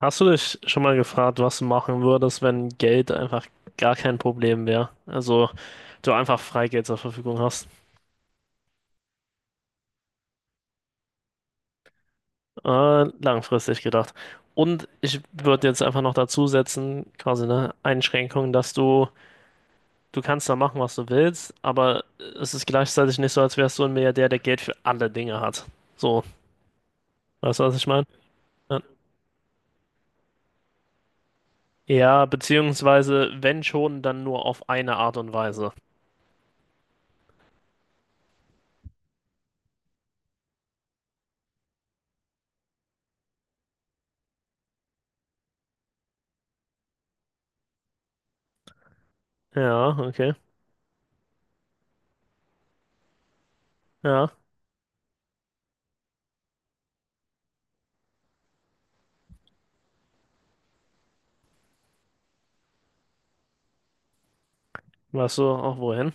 Hast du dich schon mal gefragt, was du machen würdest, wenn Geld einfach gar kein Problem wäre? Also du einfach Freigeld zur Verfügung hast. Langfristig gedacht. Und ich würde jetzt einfach noch dazu setzen, quasi eine Einschränkung, dass du kannst da machen, was du willst, aber es ist gleichzeitig nicht so, als wärst du ein Milliardär, der Geld für alle Dinge hat. So, weißt du, was ich meine? Ja. Ja, beziehungsweise, wenn schon, dann nur auf eine Art und Weise. Ja, okay. Ja, weißt du auch wohin?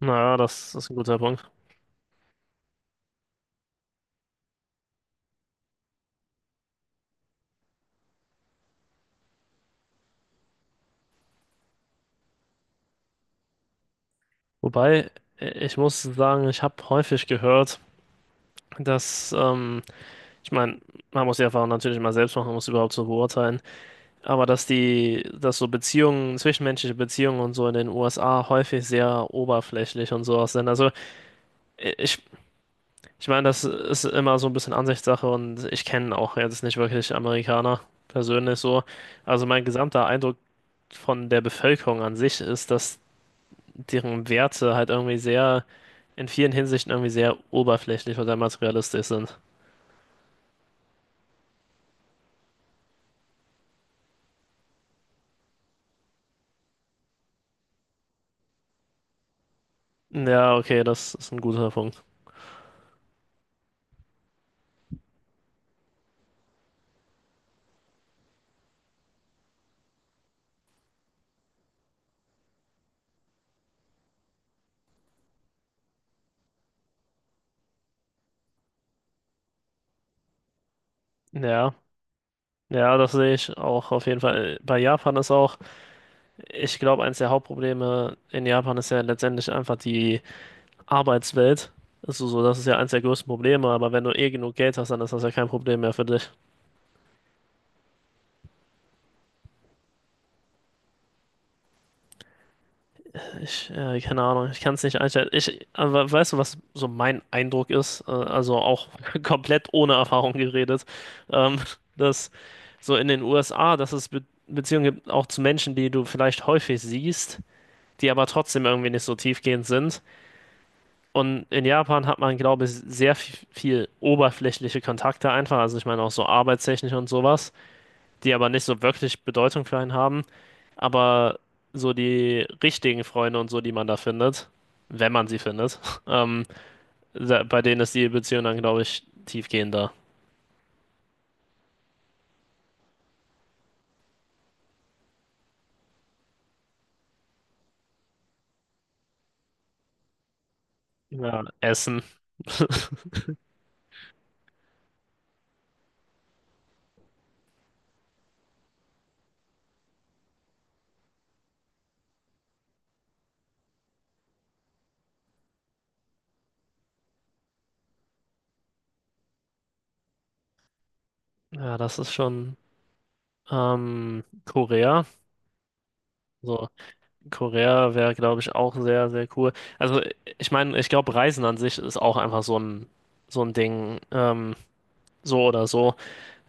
Naja, das ist ein guter Punkt. Wobei, ich muss sagen, ich habe häufig gehört, dass, ähm, ich meine, man muss die Erfahrung natürlich mal selbst machen, um es überhaupt zu beurteilen, aber dass so Beziehungen, zwischenmenschliche Beziehungen und so in den USA häufig sehr oberflächlich und sowas sind. Also ich, ich meine, das ist immer so ein bisschen Ansichtssache und ich kenne auch jetzt nicht wirklich Amerikaner persönlich so. Also mein gesamter Eindruck von der Bevölkerung an sich ist, dass deren Werte halt irgendwie in vielen Hinsichten irgendwie sehr oberflächlich oder materialistisch sind. Ja, okay, das ist ein guter Punkt. Ja, ja, das sehe ich auch auf jeden Fall. Bei Japan ist auch, ich glaube, eines der Hauptprobleme in Japan ist ja letztendlich einfach die Arbeitswelt. Also so, das ist ja eines der größten Probleme, aber wenn du eh genug Geld hast, dann ist das ja kein Problem mehr für dich. Keine Ahnung, ich kann es nicht einschätzen. Ich, aber weißt du, was so mein Eindruck ist? Also auch komplett ohne Erfahrung geredet, ähm, dass so in den USA, dass es Be Beziehungen gibt, auch zu Menschen, die du vielleicht häufig siehst, die aber trotzdem irgendwie nicht so tiefgehend sind. Und in Japan hat man, glaube ich, sehr viel, viel oberflächliche Kontakte einfach. Also ich meine auch so arbeitstechnisch und sowas, die aber nicht so wirklich Bedeutung für einen haben. Aber so die richtigen Freunde und so, die man da findet, wenn man sie findet, ähm, bei denen ist die Beziehung dann, glaube ich, tiefgehender. Ja, Essen. Ja, das ist schon. Korea. So, Korea wäre, glaube ich, auch sehr, sehr cool. Also, ich meine, ich glaube, Reisen an sich ist auch einfach so ein Ding, so oder so.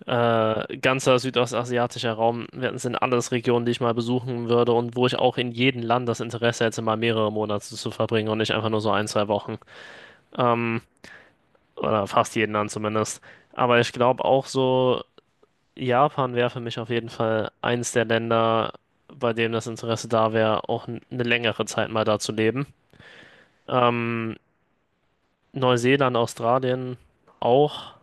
Ganzer südostasiatischer Raum, sind alles Regionen, die ich mal besuchen würde und wo ich auch in jedem Land das Interesse hätte, mal mehrere Monate zu verbringen und nicht einfach nur so ein, zwei Wochen. Ähm, oder fast jeden Land zumindest. Aber ich glaube auch so, Japan wäre für mich auf jeden Fall eins der Länder, bei dem das Interesse da wäre, auch eine längere Zeit mal da zu leben. Ähm, Neuseeland, Australien auch.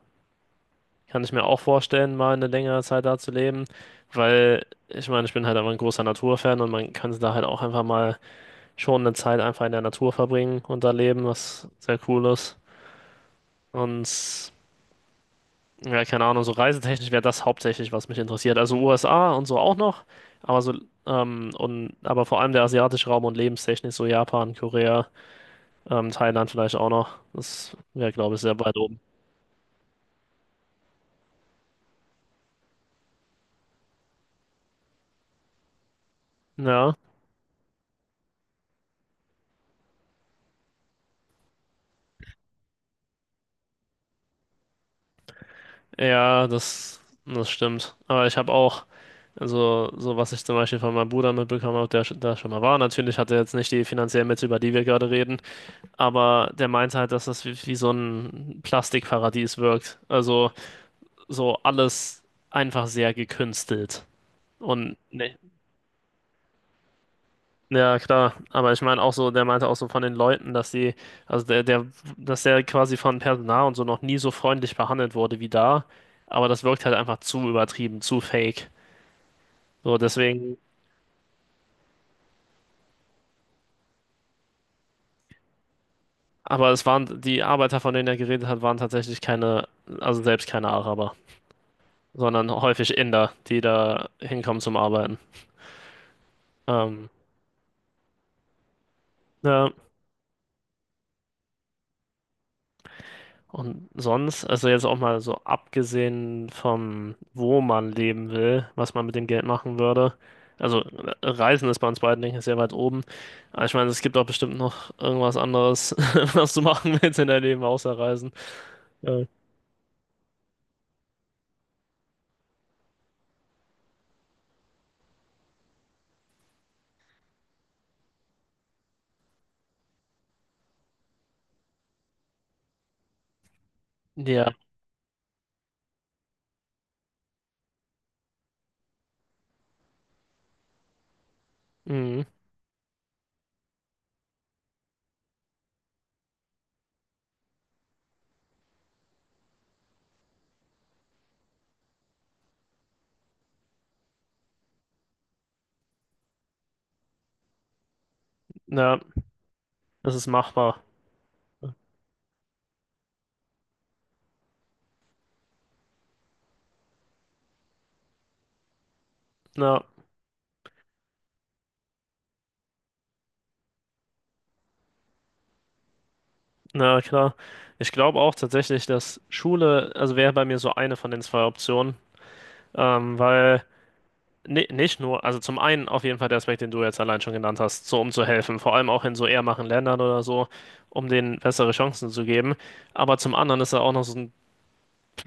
Kann ich mir auch vorstellen, mal eine längere Zeit da zu leben, weil ich meine, ich bin halt einfach ein großer Naturfan und man kann da halt auch einfach mal schon eine Zeit einfach in der Natur verbringen und da leben, was sehr cool ist. Und ja, keine Ahnung, so reisetechnisch wäre das hauptsächlich, was mich interessiert. Also USA und so auch noch, aber und aber vor allem der asiatische Raum und lebenstechnisch so Japan, Korea, Thailand vielleicht auch noch. Das wäre, glaube ich, sehr weit oben. Ja. Ja, das stimmt. Aber ich habe auch, also so was ich zum Beispiel von meinem Bruder mitbekommen habe, der da schon mal war. Natürlich hat er jetzt nicht die finanziellen Mittel, über die wir gerade reden, aber der meint halt, dass das wie so ein Plastikparadies wirkt. Also so alles einfach sehr gekünstelt. Und ne, ja klar, aber ich meine auch so, der meinte auch so von den Leuten, dass sie, also der, der, dass der quasi von Personal und so noch nie so freundlich behandelt wurde wie da. Aber das wirkt halt einfach zu übertrieben, zu fake. So, deswegen, aber es waren, die Arbeiter, von denen er geredet hat, waren tatsächlich keine, also selbst keine Araber, sondern häufig Inder, die da hinkommen zum Arbeiten. Ähm, ja, und sonst, also jetzt auch mal so abgesehen vom, wo man leben will, was man mit dem Geld machen würde. Also Reisen ist bei uns beiden, denke ich, sehr weit oben. Aber ich meine, es gibt auch bestimmt noch irgendwas anderes, was du machen willst in deinem Leben, außer Reisen. Äh, ja, mhm. Ja, das ist machbar. Ja. Na klar. Ich glaube auch tatsächlich, dass Schule, also wäre bei mir so eine von den zwei Optionen, weil nicht nur, also zum einen auf jeden Fall der Aspekt, den du jetzt allein schon genannt hast, so um zu helfen, vor allem auch in so eher machen Ländern oder so, um denen bessere Chancen zu geben. Aber zum anderen ist da auch noch so ein,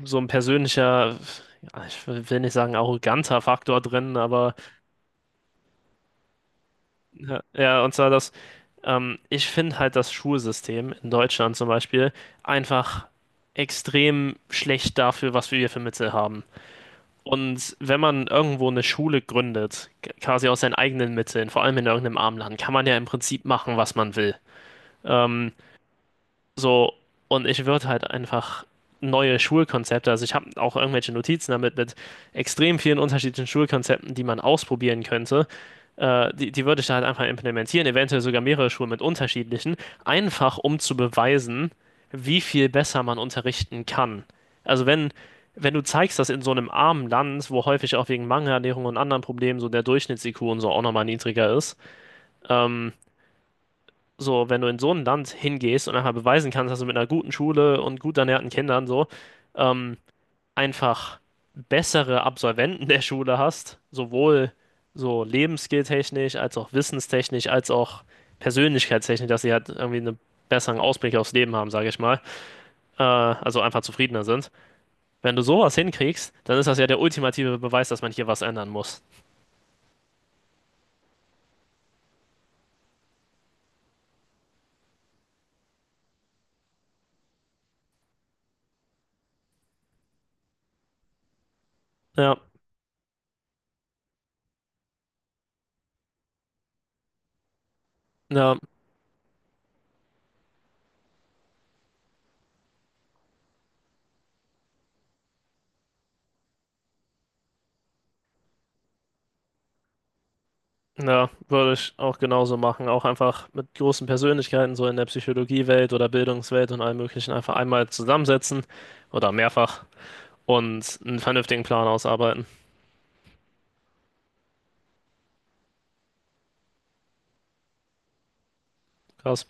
so ein persönlicher, ja, ich will nicht sagen arroganter Faktor drin, aber ja, und zwar, dass ich finde halt das Schulsystem in Deutschland zum Beispiel einfach extrem schlecht dafür, was wir hier für Mittel haben. Und wenn man irgendwo eine Schule gründet, quasi aus seinen eigenen Mitteln, vor allem in irgendeinem armen Land, kann man ja im Prinzip machen, was man will. Ähm, so, und ich würde halt einfach neue Schulkonzepte, also ich habe auch irgendwelche Notizen damit mit extrem vielen unterschiedlichen Schulkonzepten, die man ausprobieren könnte. Die würde ich da halt einfach implementieren, eventuell sogar mehrere Schulen mit unterschiedlichen, einfach um zu beweisen, wie viel besser man unterrichten kann. Also wenn du zeigst, dass in so einem armen Land, wo häufig auch wegen Mangelernährung und anderen Problemen so der Durchschnitts-IQ und so auch nochmal niedriger ist, ähm, wenn du in so ein Land hingehst und einfach beweisen kannst, dass du mit einer guten Schule und gut ernährten Kindern ähm, einfach bessere Absolventen der Schule hast, sowohl so lebensskilltechnisch, als auch wissenstechnisch, als auch persönlichkeitstechnisch, dass sie halt irgendwie einen besseren Ausblick aufs Leben haben, sage ich mal, also einfach zufriedener sind. Wenn du sowas hinkriegst, dann ist das ja der ultimative Beweis, dass man hier was ändern muss. Ja, ja, Ja, würde ich auch genauso machen. Auch einfach mit großen Persönlichkeiten, so in der Psychologiewelt oder Bildungswelt und allem Möglichen, einfach einmal zusammensetzen oder mehrfach und einen vernünftigen Plan ausarbeiten. Krass.